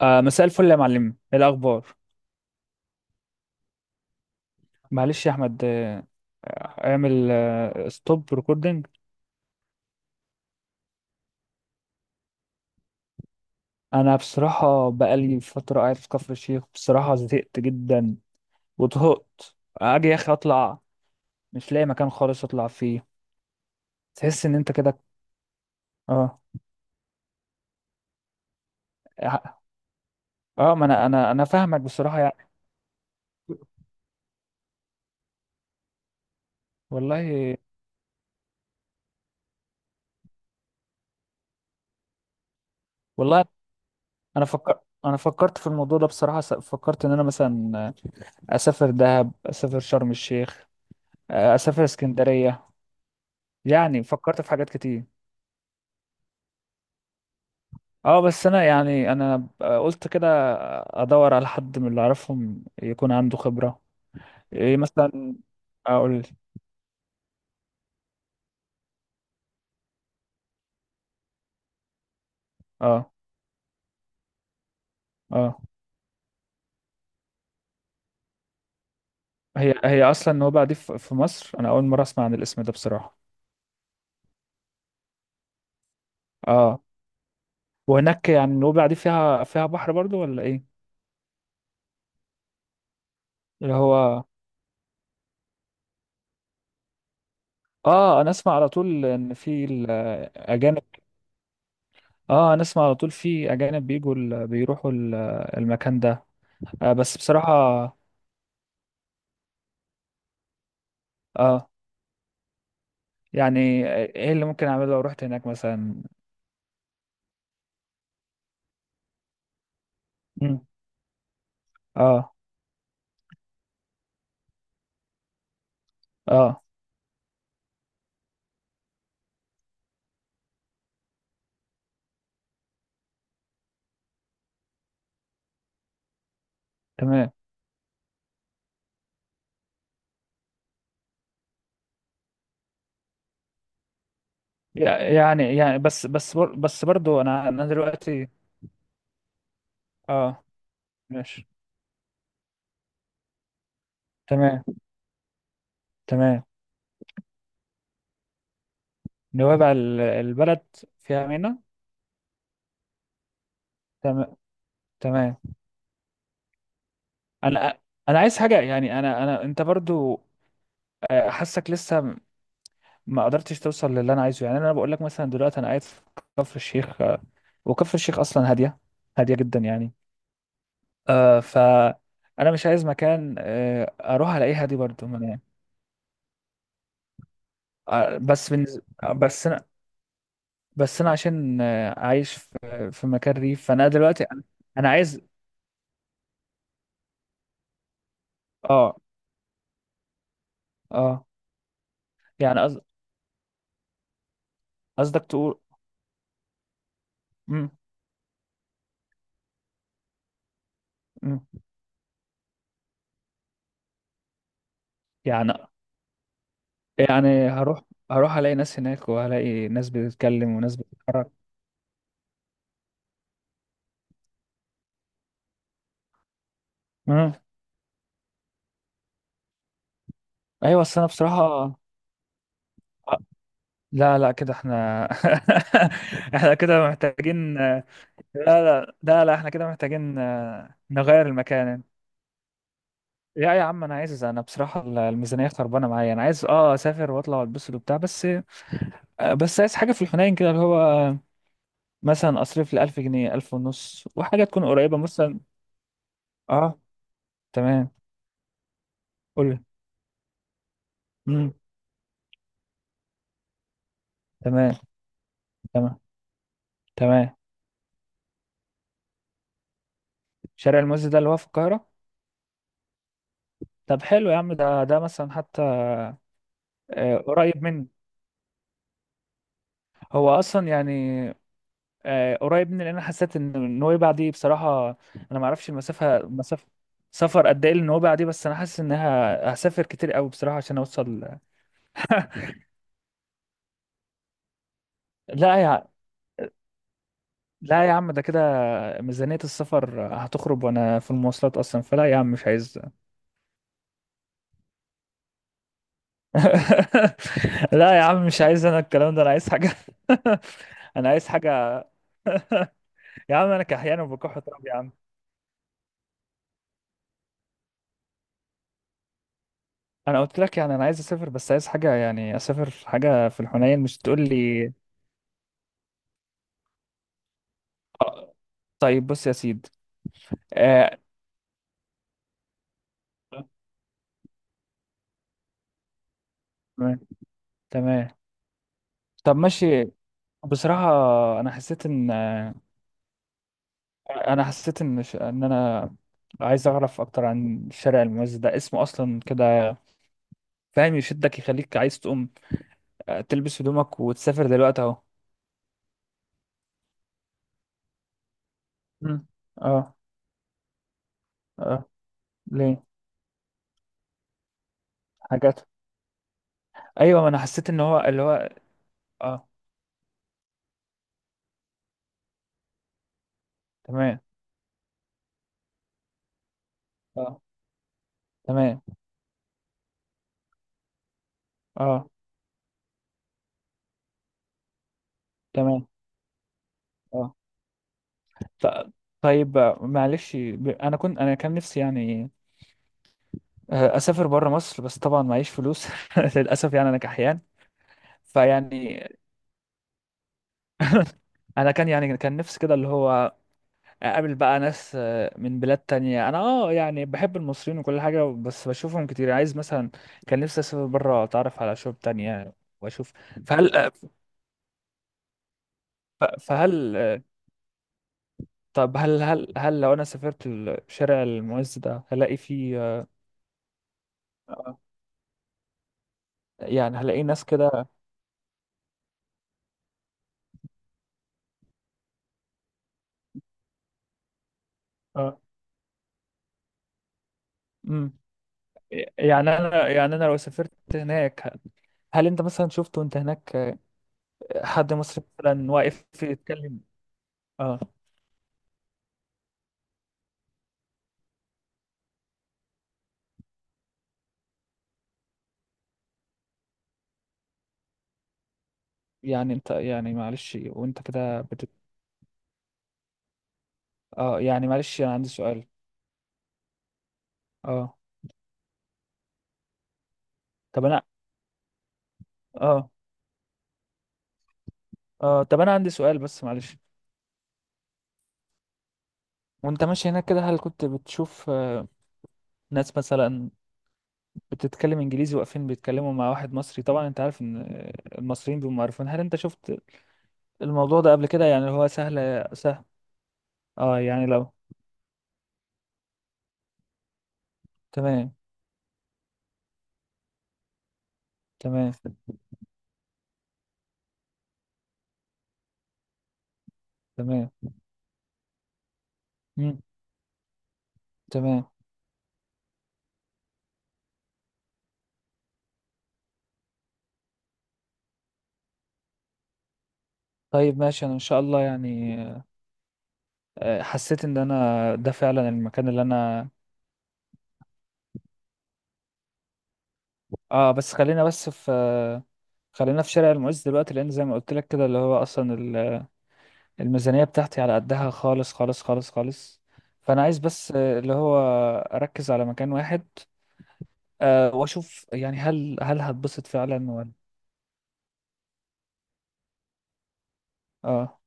مساء الفل يا معلم، ايه الاخبار؟ معلش يا احمد، اعمل ستوب ريكوردنج. انا بصراحه بقالي فتره قاعد في كفر الشيخ، بصراحه زهقت جدا وطهقت. اجي يا اخي اطلع، مش لاقي مكان خالص اطلع فيه. تحس ان انت كده. اه. اه، ما انا فاهمك بصراحه يعني. والله. والله. انا فكرت في الموضوع ده بصراحه، فكرت ان انا مثلا اسافر دهب، اسافر شرم الشيخ، اسافر اسكندريه. يعني فكرت في حاجات كتير. اه بس انا يعني انا قلت كده ادور على حد من اللي اعرفهم يكون عنده خبرة. ايه مثلا؟ اقول. اه. اه. هي اصلا النوبة دي في مصر، انا اول مرة اسمع عن الاسم ده بصراحة. اه. وهناك يعني النوبة دي فيها بحر برضو ولا ايه؟ اللي هو اه، انا اسمع على طول ان في الاجانب. اه انا اسمع على طول في اجانب بيروحوا المكان ده. بس بصراحة. اه. يعني ايه اللي ممكن اعمله لو رحت هناك مثلا؟ مم. اه. اه. تمام. يعني بس برضو انا دلوقتي. اه. ماشي. تمام. تمام. نوابع البلد فيها مينا؟ تمام. تمام. انا انا عايز حاجه، يعني انا انت برضو، حاسك لسه ما قدرتش توصل للي انا عايزه. يعني انا بقول لك مثلا دلوقتي انا قاعد في كفر الشيخ، وكفر الشيخ اصلا هاديه، هاديه جدا يعني. آه ف انا مش عايز مكان اروح الاقيه هادي برضو. ما أنا- بس بالنسبة، بس، بس انا عشان عايش في مكان ريف، فانا دلوقتي انا أنا عايز. اه. اه. يعني قصد- قصدك تقول. مم. مم. يعني، يعني هروح، هروح الاقي ناس هناك وهلاقي ناس بتتكلم وناس بتتحرك. مم. ايوه بس انا بصراحة. لا، لا، كده احنا احنا كده محتاجين، لا، لا، لا، لا احنا كده محتاجين نغير المكان. لا يا عم، انا بصراحة الميزانية خربانة معايا. انا عايز اسافر واطلع والبس وبتاع، بس بس عايز حاجة في الحنين كده اللي هو مثلا أصرف لي 1000 جنيه، 1500، وحاجة تكون قريبة مثلا. أه. تمام. قولي. امم. تمام. تمام. تمام. شارع المعز ده اللي هو في القاهرة؟ طب حلو يا عم، ده مثلا حتى قريب مني. هو أصلا يعني قريب مني، لأن أنا حسيت إن نويبع دي بصراحة أنا معرفش المسافة، مسافة سفر قد إيه لنويبع دي، بس أنا حاسس إنها هسافر كتير أوي بصراحة عشان أوصل. لا يا لا يا عم ده كده ميزانية السفر هتخرب وانا في المواصلات اصلا، فلا يا عم مش عايز. لا يا عم مش عايز انا الكلام ده، انا عايز حاجة. انا عايز حاجة يا عم، انا كحيان وبكح تراب يا عم. انا قلت لك يعني انا عايز اسافر، بس عايز حاجة يعني اسافر في حاجة في الحنين، مش تقول لي آه، طيب بص يا سيد. آه، تمام. تمام. طب ماشي. بصراحة انا حسيت ان آه، انا حسيت ان انا عايز اعرف اكتر عن الشارع المميز ده، اسمه اصلا كده فاهم يشدك يخليك عايز تقوم تلبس هدومك وتسافر دلوقتي اهو. مم. اه. اه. ليه؟ حاجات. ايوه ما انا حسيت ان هو اللي هو. اه. تمام. اه. تمام. اه. تمام. اه. ط... طيب، معلش، انا كان نفسي يعني اسافر بره مصر، بس طبعا معيش فلوس. للاسف يعني انا كحيان، فيعني. انا كان يعني كان نفسي كده اللي هو اقابل بقى ناس من بلاد تانية. انا يعني بحب المصريين وكل حاجة بس بشوفهم كتير، يعني عايز مثلا كان نفسي اسافر بره اتعرف على شعوب تانية واشوف. فهل فهل طب هل لو انا سافرت الشارع المعز ده هلاقي فيه اه يعني هلاقي ناس كده؟ اه. امم. يعني انا لو سافرت هناك، هل انت مثلا شفت وانت هناك حد مصري مثلا واقف يتكلم؟ اه. يعني انت يعني معلش وانت كده. اه. يعني معلش، انا عندي سؤال. اه طب انا اه. اه طب انا عندي سؤال بس معلش. وانت ماشي هناك كده هل كنت بتشوف ناس مثلا بتتكلم انجليزي واقفين بيتكلموا مع واحد مصري؟ طبعا انت عارف ان المصريين بيبقوا معروفين. هل انت شفت الموضوع ده قبل كده؟ يعني هو سهل سهل. اه يعني لو. تمام. تمام. تمام. مم. تمام. طيب ماشي، انا ان شاء الله يعني حسيت ان انا ده فعلا المكان اللي انا. اه بس خلينا بس في، خلينا في شارع المعز دلوقتي، لان زي ما قلت لك كده اللي هو اصلا الميزانيه بتاعتي على قدها خالص خالص خالص خالص، فانا عايز بس اللي هو اركز على مكان واحد واشوف يعني، هل هتبسط فعلا ولا. اه.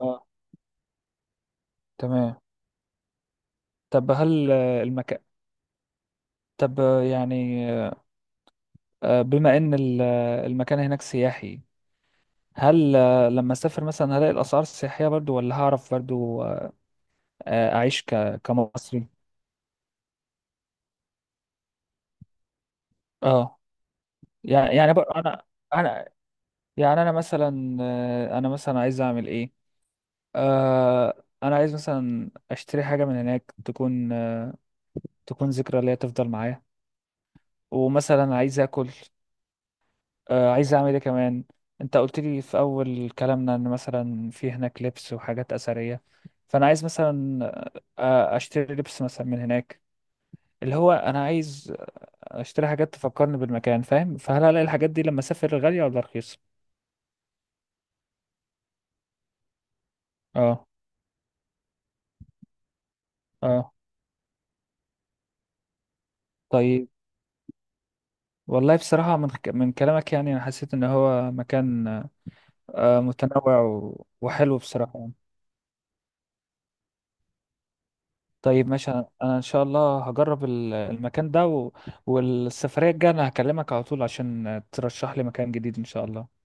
اه. تمام. طب هل المكان، طب يعني بما ان المكان هناك سياحي، هل لما اسافر مثلا هلاقي الاسعار السياحيه برضو، ولا هعرف برضو اعيش كمصري؟ اه. يعني انا، انا يعني انا مثلا انا مثلا عايز اعمل ايه. انا عايز مثلا اشتري حاجه من هناك تكون تكون ذكرى ليا تفضل معايا. ومثلا عايز اكل، عايز اعمل ايه كمان. انت قلت لي في اول كلامنا ان مثلا في هناك لبس وحاجات اثريه، فانا عايز مثلا اشتري لبس مثلا من هناك، اللي هو انا عايز اشتري حاجات تفكرني بالمكان، فاهم؟ فهل هلاقي الحاجات دي لما اسافر غاليه ولا رخيصه؟ اه. اه. طيب، والله بصراحة من كلامك يعني أنا حسيت إن هو مكان متنوع وحلو بصراحة يعني. طيب ماشي، أنا إن شاء الله هجرب المكان ده والسفرية الجاية أنا هكلمك على طول عشان ترشح لي مكان جديد إن شاء الله.